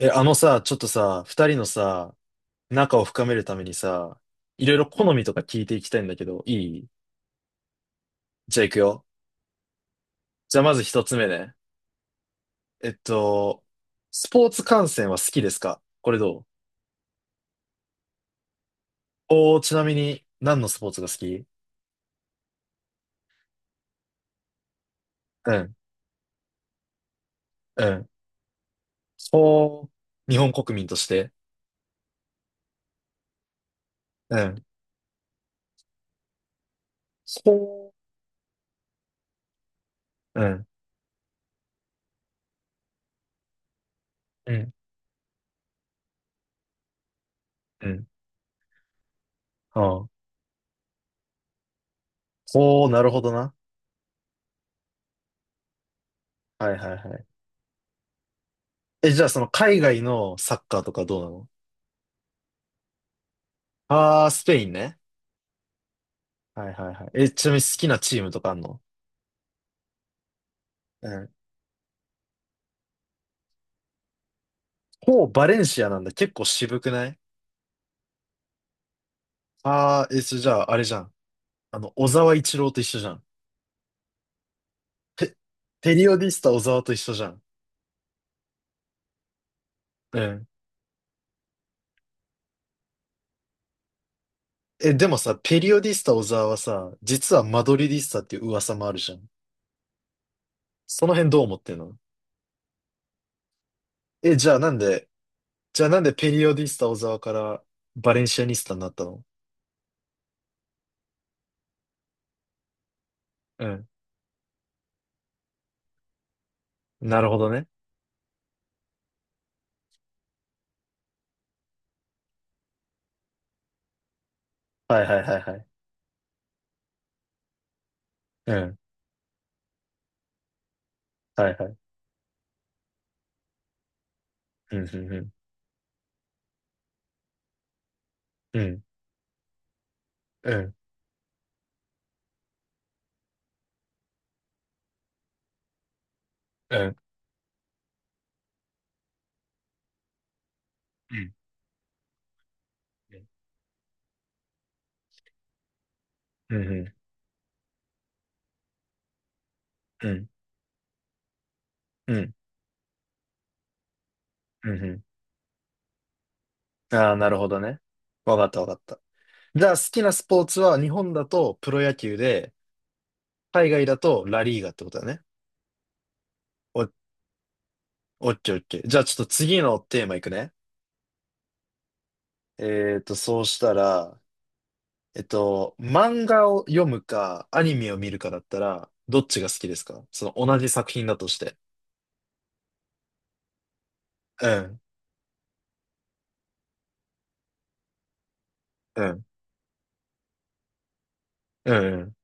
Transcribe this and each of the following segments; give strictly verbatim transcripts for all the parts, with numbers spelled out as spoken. え、あのさ、ちょっとさ、二人のさ、仲を深めるためにさ、いろいろ好みとか聞いていきたいんだけど、いいじゃあ行くよ。じゃあまずひとつめね。えっと、スポーツ観戦は好きですか？これどう？おー、ちなみに何のスポーツが好き？うん、うん。ほー、日本国民として。うん。ほー、うん、うん、うん。はあ。ほー、なるほどな。はいはいはい。え、じゃあその海外のサッカーとかどうなの？あー、スペインね。はいはいはい。え、ちなみに好きなチームとかあんの？うん。ほう、バレンシアなんだ。結構渋くない？ああー、え、それじゃあ、あれじゃん。あの、小沢一郎と一緒じゃん。ペ、ペリオディスタ小沢と一緒じゃん。うん。え、でもさ、ペリオディスタ小沢はさ、実はマドリディスタっていう噂もあるじゃん。その辺どう思ってんの？え、じゃあなんで、じゃあなんでペリオディスタ小沢からバレンシアニスタになったの？うん。なるほどね。はいはいはいはい。うん。はいはい。うん、うん、うん。うん、うん、うん。うんうんうんうんうんうんうん。ああなるほどね。わかったわかった。じゃあ好きなスポーツは日本だとプロ野球で、海外だとラリーガってことだね。お、オッケーオッケー。じゃあちょっと次のテーマいくね。えっと、そうしたら、えっと、漫画を読むか、アニメを見るかだったら、どっちが好きですか？その同じ作品だとして。うん、うん、うん、うん。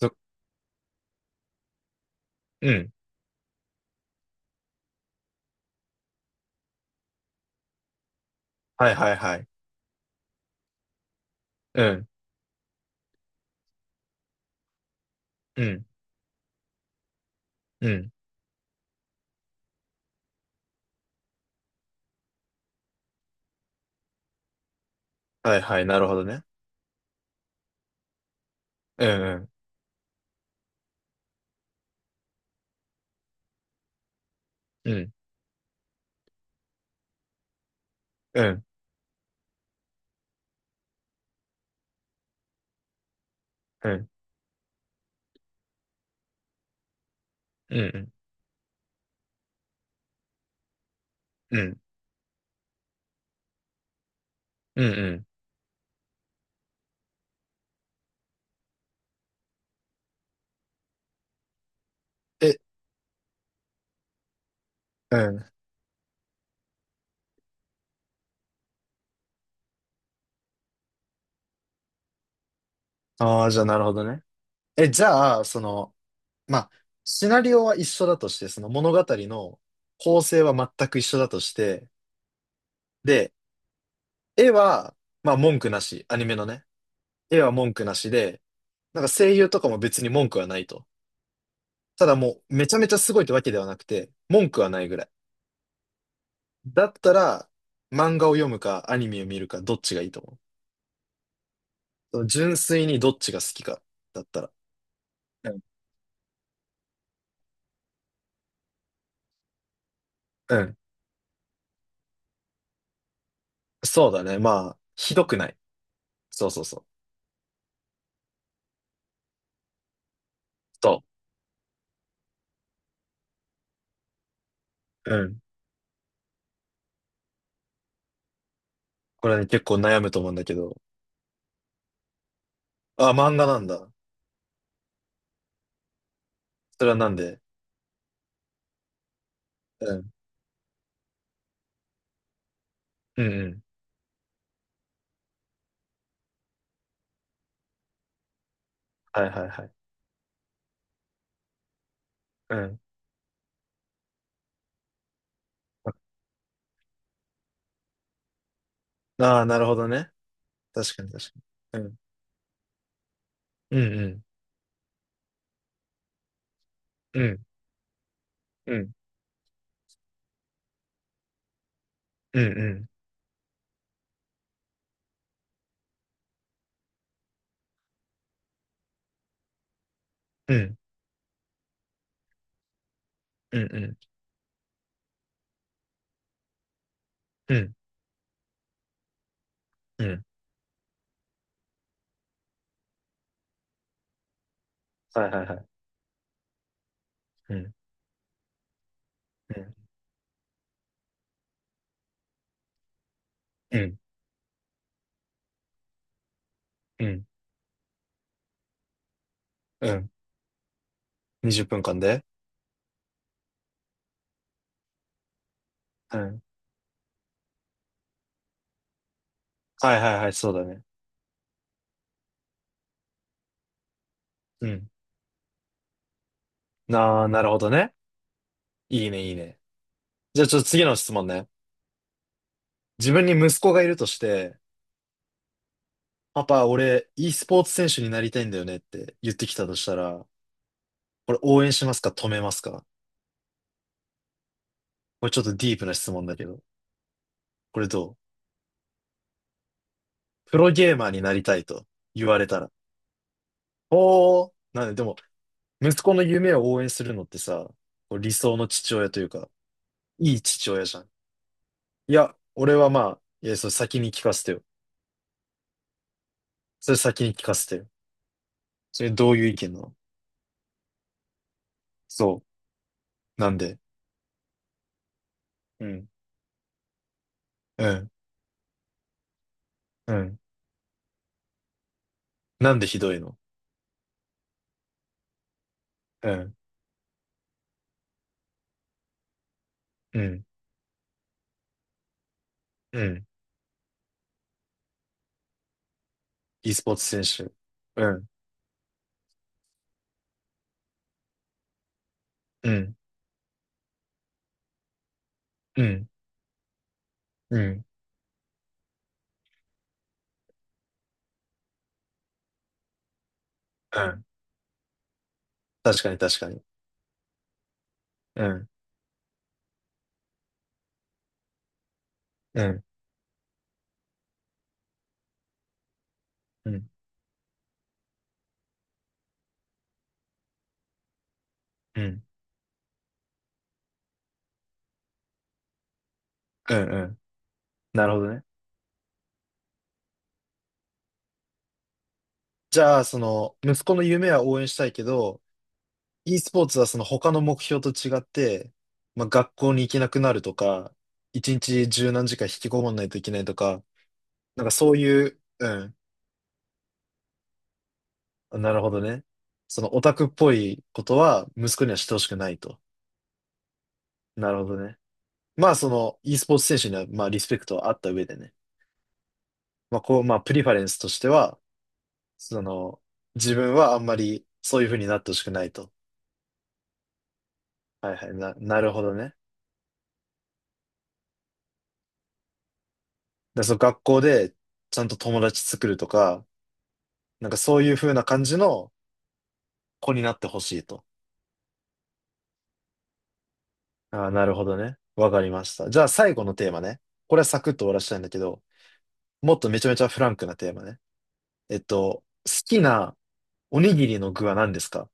そうん。はいはいはい。うん、うん、うん。はいはい、なるほどね。うん、うん、うん、うん、うん。うんうん。うんうん。え、うん。ああ、じゃあなるほどね。え、じゃあ、その、まあ、シナリオは一緒だとして、その物語の構成は全く一緒だとして、で、絵は、まあ文句なし、アニメのね、絵は文句なしで、なんか声優とかも別に文句はないと。ただもうめちゃめちゃすごいってわけではなくて、文句はないぐらい。だったら、漫画を読むかアニメを見るかどっちがいいと思う？その純粋にどっちが好きかだったら。うん。うんそうだね。まあ、ひどくない。そうそうそう。そう。うん。これね、結構悩むと思うんだけど。あ、漫画なんだ。それはなんで？うん。うんうん。はいはいはい。うん。ああ、なるほどね。確かに確かに。うん。うんうん。うん。うんうん。うん。うんうん。うん。うん。はいはいはい。うん。うん。うん。うん。にじゅっぷんかんでうん。はいはいはい、そうだね。うん。ああ、なるほどね。いいねいいね。じゃあちょっと次の質問ね。自分に息子がいるとして、パパ、俺、e スポーツ選手になりたいんだよねって言ってきたとしたら、これ応援しますか？止めますか？これちょっとディープな質問だけど、これどう？プロゲーマーになりたいと言われたら。おー、なんで、でも、息子の夢を応援するのってさ、こう理想の父親というか、いい父親じゃん。いや、俺はまあ、いや、それ先に聞かせてよ。それ先に聞かせてよ。それどういう意見なの？そう。なんで？うん。うん。うん。なんでひどいの？うん。うん。うん。e スポーツ選手。うん、うん、うん、うん、うん。確かに確かに。うん、うん、うん、うん、うん、うん。なるほどね。じゃあ、その、息子の夢は応援したいけど、e スポーツはその他の目標と違って、まあ、学校に行けなくなるとか、いちにちじゅうなんじかん引きこもんないといけないとか、なんかそういう、うん、なるほどね。そのオタクっぽいことは息子にはしてほしくないと。なるほどね。まあ、その e スポーツ選手には、まあ、リスペクトはあった上でね。まあ、こう、まあ、プリファレンスとしては、その、自分はあんまりそういう風になってほしくないと。はいはい、な、なるほどね。で、その学校でちゃんと友達作るとか、なんかそういう風な感じの子になってほしいと。ああ、なるほどね。わかりました。じゃあ最後のテーマね。これはサクッと終わらせたいんだけど、もっとめちゃめちゃフランクなテーマね。えっと、好きなおにぎりの具は何ですか？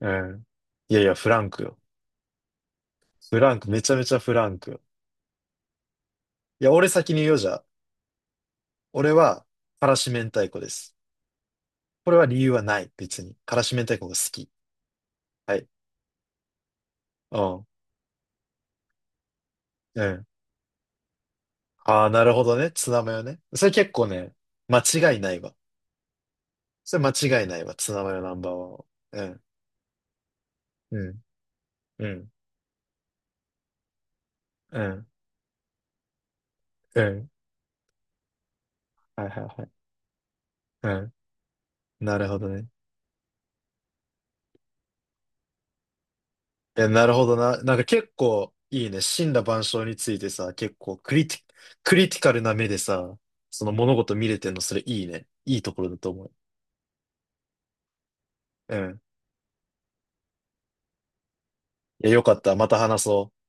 うん。いやいや、フランクよ。フランク、めちゃめちゃフランクよ。いや、俺先に言おうじゃん。俺は、からし明太子です。これは理由はない、別に。からし明太子が好き。はい。うん。うん。ああ、なるほどね。ツナマヨね。それ結構ね、間違いないわ。それ間違いないわ。ツナマヨナンバーワンは。うん。うん。うん。うん。うん。はいはいはい。うん。なるほどね。え、なるほどな。なんか結構いいね。森羅万象についてさ、結構クリティ、クリティカルな目でさ、その物事見れてんの、それいいね。いいところだと思う。うん。いや、よかった。また話そう。